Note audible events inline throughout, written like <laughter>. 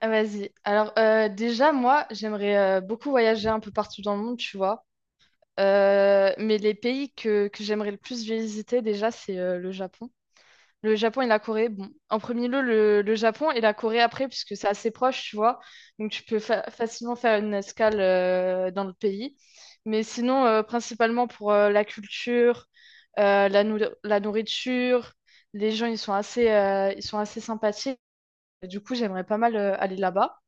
Ah, vas-y. Alors, déjà, moi, j'aimerais beaucoup voyager un peu partout dans le monde, tu vois. Mais les pays que j'aimerais le plus visiter, déjà, c'est le Japon. Le Japon et la Corée. Bon, en premier lieu, le Japon et la Corée après, puisque c'est assez proche, tu vois. Donc, tu peux facilement faire une escale dans le pays. Mais sinon, principalement pour la culture, euh, la, nou- la nourriture, les gens, ils sont assez sympathiques. Du coup, j'aimerais pas mal aller là-bas.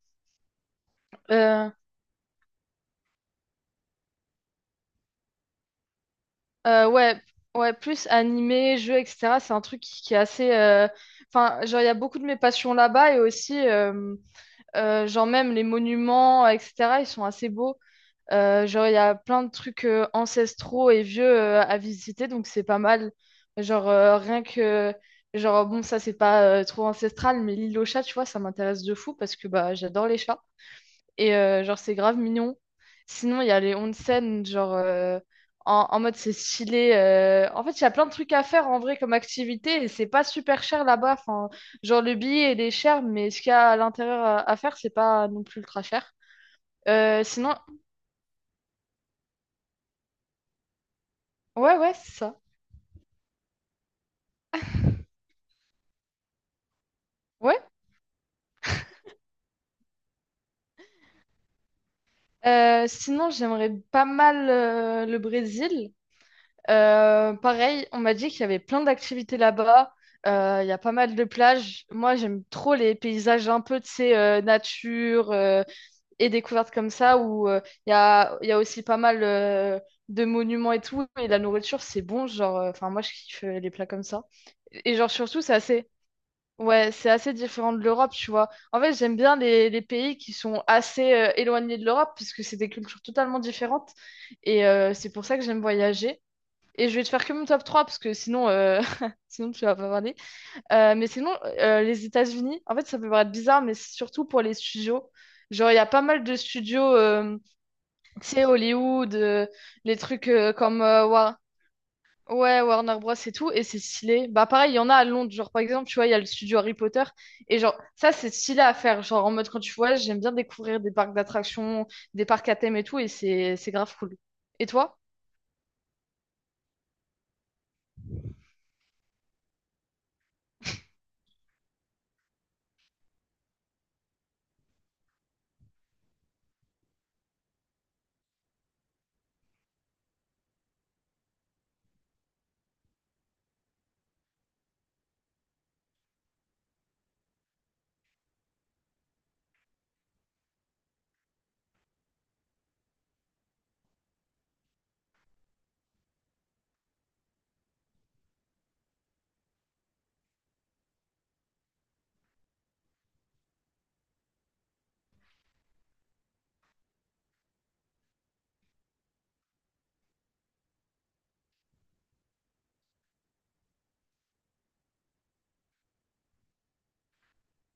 Euh, ouais, ouais, plus animé, jeu, etc. C'est un truc qui est assez. Enfin, genre, il y a beaucoup de mes passions là-bas et aussi, genre, même les monuments, etc., ils sont assez beaux. Genre, il y a plein de trucs ancestraux et vieux à visiter, donc c'est pas mal. Genre, rien que. Genre, bon, ça, c'est pas trop ancestral, mais l'île aux chats, tu vois, ça m'intéresse de fou parce que bah, j'adore les chats. Et genre, c'est grave mignon. Sinon, il y a les onsen, en, en mode c'est stylé. En fait, il y a plein de trucs à faire en vrai comme activité et c'est pas super cher là-bas. Enfin, genre, le billet il est cher, mais ce qu'il y a à l'intérieur à faire, c'est pas non plus ultra cher. Euh, sinon, ouais, ouais, c'est ça. Ouais. Sinon, j'aimerais pas mal le Brésil. Pareil, on m'a dit qu'il y avait plein d'activités là-bas. Il y a pas mal de plages. Moi, j'aime trop les paysages un peu, de ces nature et découvertes comme ça, où il y a aussi pas mal de monuments et tout. Et la nourriture, c'est bon. Genre, enfin, moi, je kiffe les plats comme ça. Et genre, surtout, c'est assez, ouais, c'est assez différent de l'Europe, tu vois. En fait, j'aime bien les pays qui sont assez éloignés de l'Europe, parce que c'est des cultures totalement différentes. Et c'est pour ça que j'aime voyager. Et je vais te faire que mon top 3 parce que sinon, <laughs> sinon tu vas pas parler. Mais sinon, les États-Unis, en fait, ça peut paraître bizarre, mais c'est surtout pour les studios. Genre, il y a pas mal de studios, tu sais, Hollywood, les trucs ouais, Warner Bros. Et tout, et c'est stylé. Bah, pareil, il y en a à Londres. Genre, par exemple, tu vois, il y a le studio Harry Potter. Et genre, ça, c'est stylé à faire. Genre, en mode, quand tu voyages, j'aime bien découvrir des parcs d'attractions, des parcs à thème et tout, et c'est grave cool. Et toi?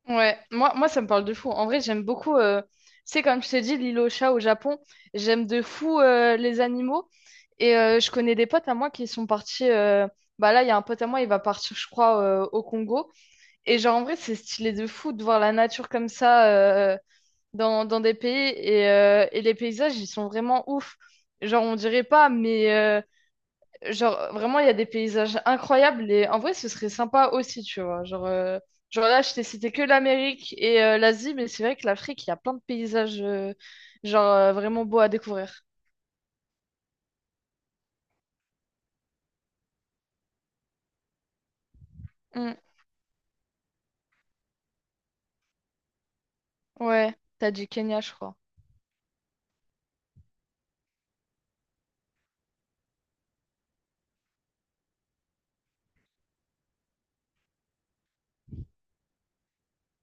Ouais, moi ça me parle de fou. En vrai, j'aime beaucoup, tu sais, comme je t'ai dit, l'île aux chats au Japon, j'aime de fou les animaux. Et je connais des potes à moi qui sont partis. Bah là, il y a un pote à moi, il va partir, je crois, au Congo. Et genre, en vrai, c'est stylé de fou de voir la nature comme ça dans, dans des pays. Et les paysages, ils sont vraiment ouf. Genre, on dirait pas, mais vraiment, il y a des paysages incroyables et en vrai, ce serait sympa aussi, tu vois. Genre là, je t'ai cité que l'Amérique et l'Asie, mais c'est vrai que l'Afrique, il y a plein de paysages, vraiment beaux à découvrir. Mm. Ouais, t'as dit Kenya, je crois. <laughs>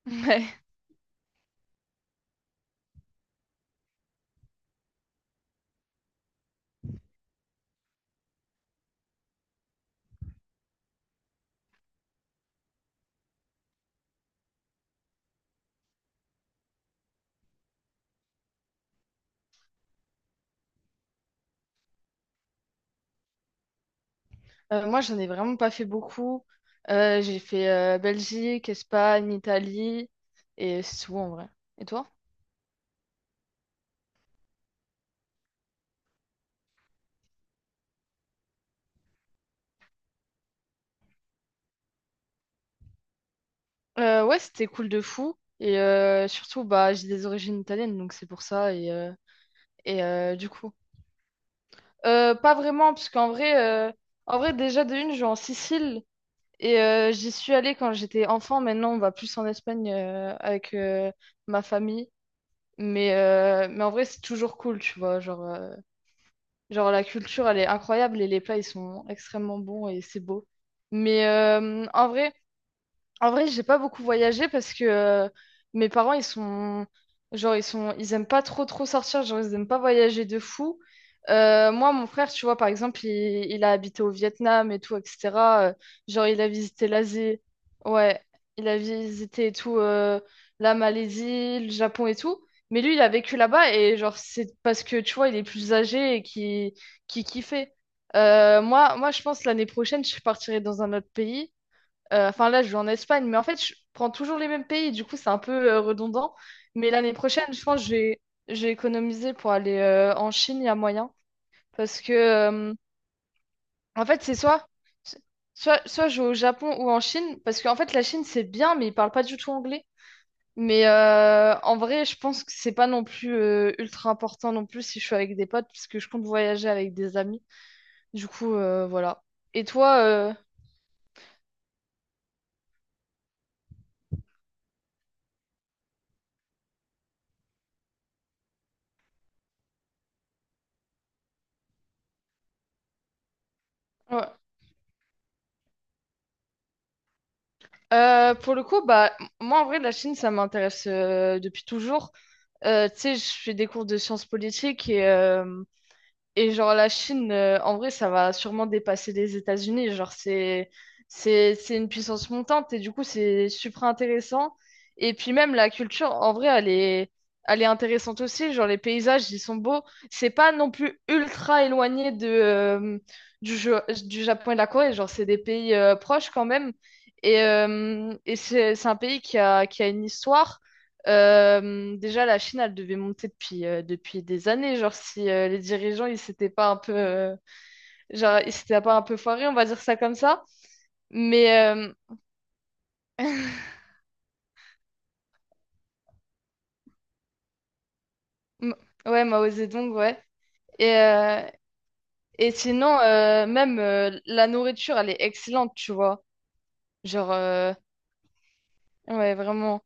Ouais. Moi, j'en ai vraiment pas fait beaucoup. J'ai fait Belgique, Espagne, Italie et c'est tout en vrai. Et toi? Ouais, c'était cool de fou. Et surtout, bah, j'ai des origines italiennes, donc c'est pour ça. Et euh, du coup. Pas vraiment, parce qu'en euh, vrai, déjà de une, je vais en Sicile et j'y suis allée quand j'étais enfant. Maintenant, on va plus en Espagne avec ma famille. Mais en vrai, c'est toujours cool, tu vois. Genre, la culture, elle est incroyable et les plats, ils sont extrêmement bons et c'est beau. Mais en vrai, j'ai pas beaucoup voyagé parce que mes parents, ils sont, ils aiment pas trop trop sortir, genre, ils aiment pas voyager de fou. Moi, mon frère, tu vois, par exemple, il a habité au Vietnam et tout, etc. Euh, genre, il a visité l'Asie, ouais, il a visité et tout, la Malaisie, le Japon et tout. Mais lui, il a vécu là-bas et genre, c'est parce que, tu vois, il est plus âgé qui kiffait. Moi, je pense l'année prochaine, je partirai dans un autre pays. Enfin, là, je vais en Espagne, mais en fait, je prends toujours les mêmes pays, du coup, c'est un peu redondant. Mais l'année prochaine, je pense que j'ai économisé pour aller en Chine, il y a moyen. Parce que, euh, En fait, c'est soit je vais au Japon ou en Chine, parce qu'en fait, la Chine, c'est bien, mais ils parlent pas du tout anglais. Mais en vrai, je pense que c'est pas non plus ultra important non plus si je suis avec des potes, puisque je compte voyager avec des amis. Du coup, voilà. Et toi, ouais. Pour le coup, bah, moi en vrai, la Chine, ça m'intéresse depuis toujours. Tu sais, je fais des cours de sciences politiques et genre la Chine, en vrai, ça va sûrement dépasser les États-Unis. Genre c'est une puissance montante et du coup c'est super intéressant. Et puis même la culture, en vrai, elle est intéressante aussi. Genre les paysages, ils sont beaux. C'est pas non plus ultra éloigné de du Japon et de la Corée. Genre c'est des pays proches quand même. Et c'est un pays qui a une histoire. Déjà, la Chine, elle devait monter depuis des années. Genre, si les dirigeants, ils s'étaient pas un peu foirés, on va dire ça comme ça. Mais euh, <laughs> m- ouais, Mao Zedong, ouais. Et, euh, et sinon, même la nourriture, elle est excellente, tu vois. Genre, euh, ouais, vraiment.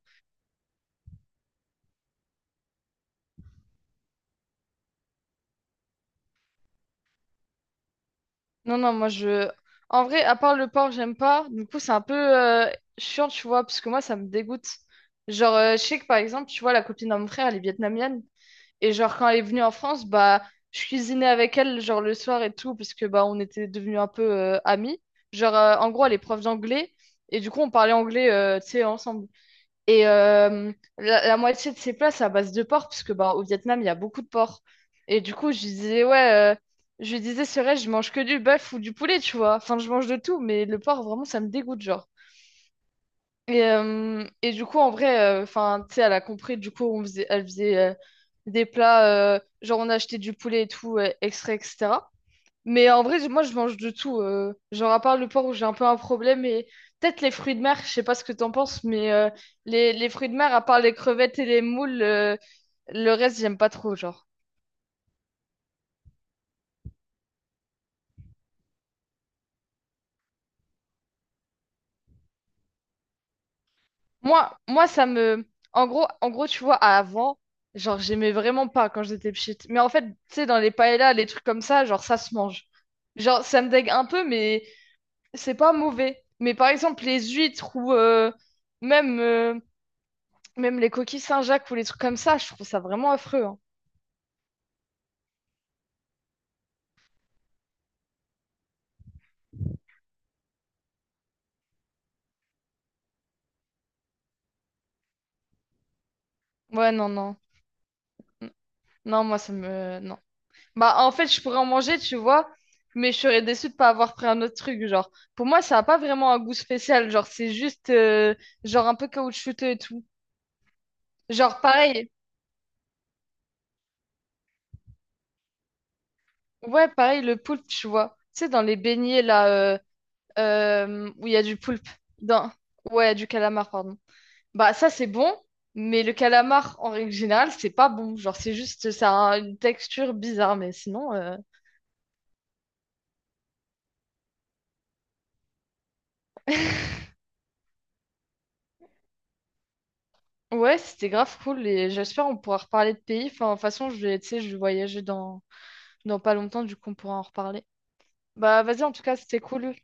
Non, non, moi, je. En vrai, à part le porc, j'aime pas. Du coup, c'est un peu chiant, tu vois, parce que moi, ça me dégoûte. Je sais que par exemple, tu vois, la copine à mon frère, elle est vietnamienne. Et genre, quand elle est venue en France, bah, je cuisinais avec elle, genre, le soir et tout, parce que, bah, on était devenus un peu amis. En gros, elle est prof d'anglais, et du coup, on parlait anglais, tu sais, ensemble. Et euh, la moitié de ses plats, c'est à base de porc, parce que, bah, au Vietnam, il y a beaucoup de porc. Et du coup, je lui disais, ouais, je lui disais, c'est vrai, je mange que du bœuf ou du poulet, tu vois. Enfin, je mange de tout, mais le porc, vraiment, ça me dégoûte, genre. Et du coup, en vrai, enfin, tu sais, elle a compris. Du coup, elle faisait des plats, genre on achetait du poulet et tout, extrait, etc. Mais en vrai, moi, je mange de tout. Genre, à part le porc où j'ai un peu un problème, et peut-être les fruits de mer, je sais pas ce que t'en penses, mais les fruits de mer, à part les crevettes et les moules, le reste, j'aime pas trop, genre. Moi, moi, ça me. En gros, tu vois, avant, genre, j'aimais vraiment pas quand j'étais petite. Mais en fait, tu sais, dans les paellas, les trucs comme ça, genre, ça se mange. Genre, ça me dégue un peu, mais c'est pas mauvais. Mais par exemple, les huîtres ou même, euh, même les coquilles Saint-Jacques ou les trucs comme ça, je trouve ça vraiment affreux, hein. Ouais, non, non. N- Non, moi, ça me. Non. Bah, en fait, je pourrais en manger, tu vois, mais je serais déçue de pas avoir pris un autre truc, genre. Pour moi, ça a pas vraiment un goût spécial, genre, c'est juste, genre, un peu caoutchouteux et tout. Genre, pareil, ouais, pareil, le poulpe, tu vois. Tu sais, dans les beignets, là, euh, où il y a du poulpe. Dans... Ouais, du calamar, pardon. Bah, ça, c'est bon, mais le calamar, en règle générale, c'est pas bon. Genre, c'est juste, ça a une texture bizarre, mais sinon, ouais, c'était grave cool, et j'espère on pourra reparler de pays. Enfin, de toute façon, je vais, tu sais, je vais voyager dans pas longtemps, du coup, on pourra en reparler. Bah, vas-y, en tout cas, c'était cool.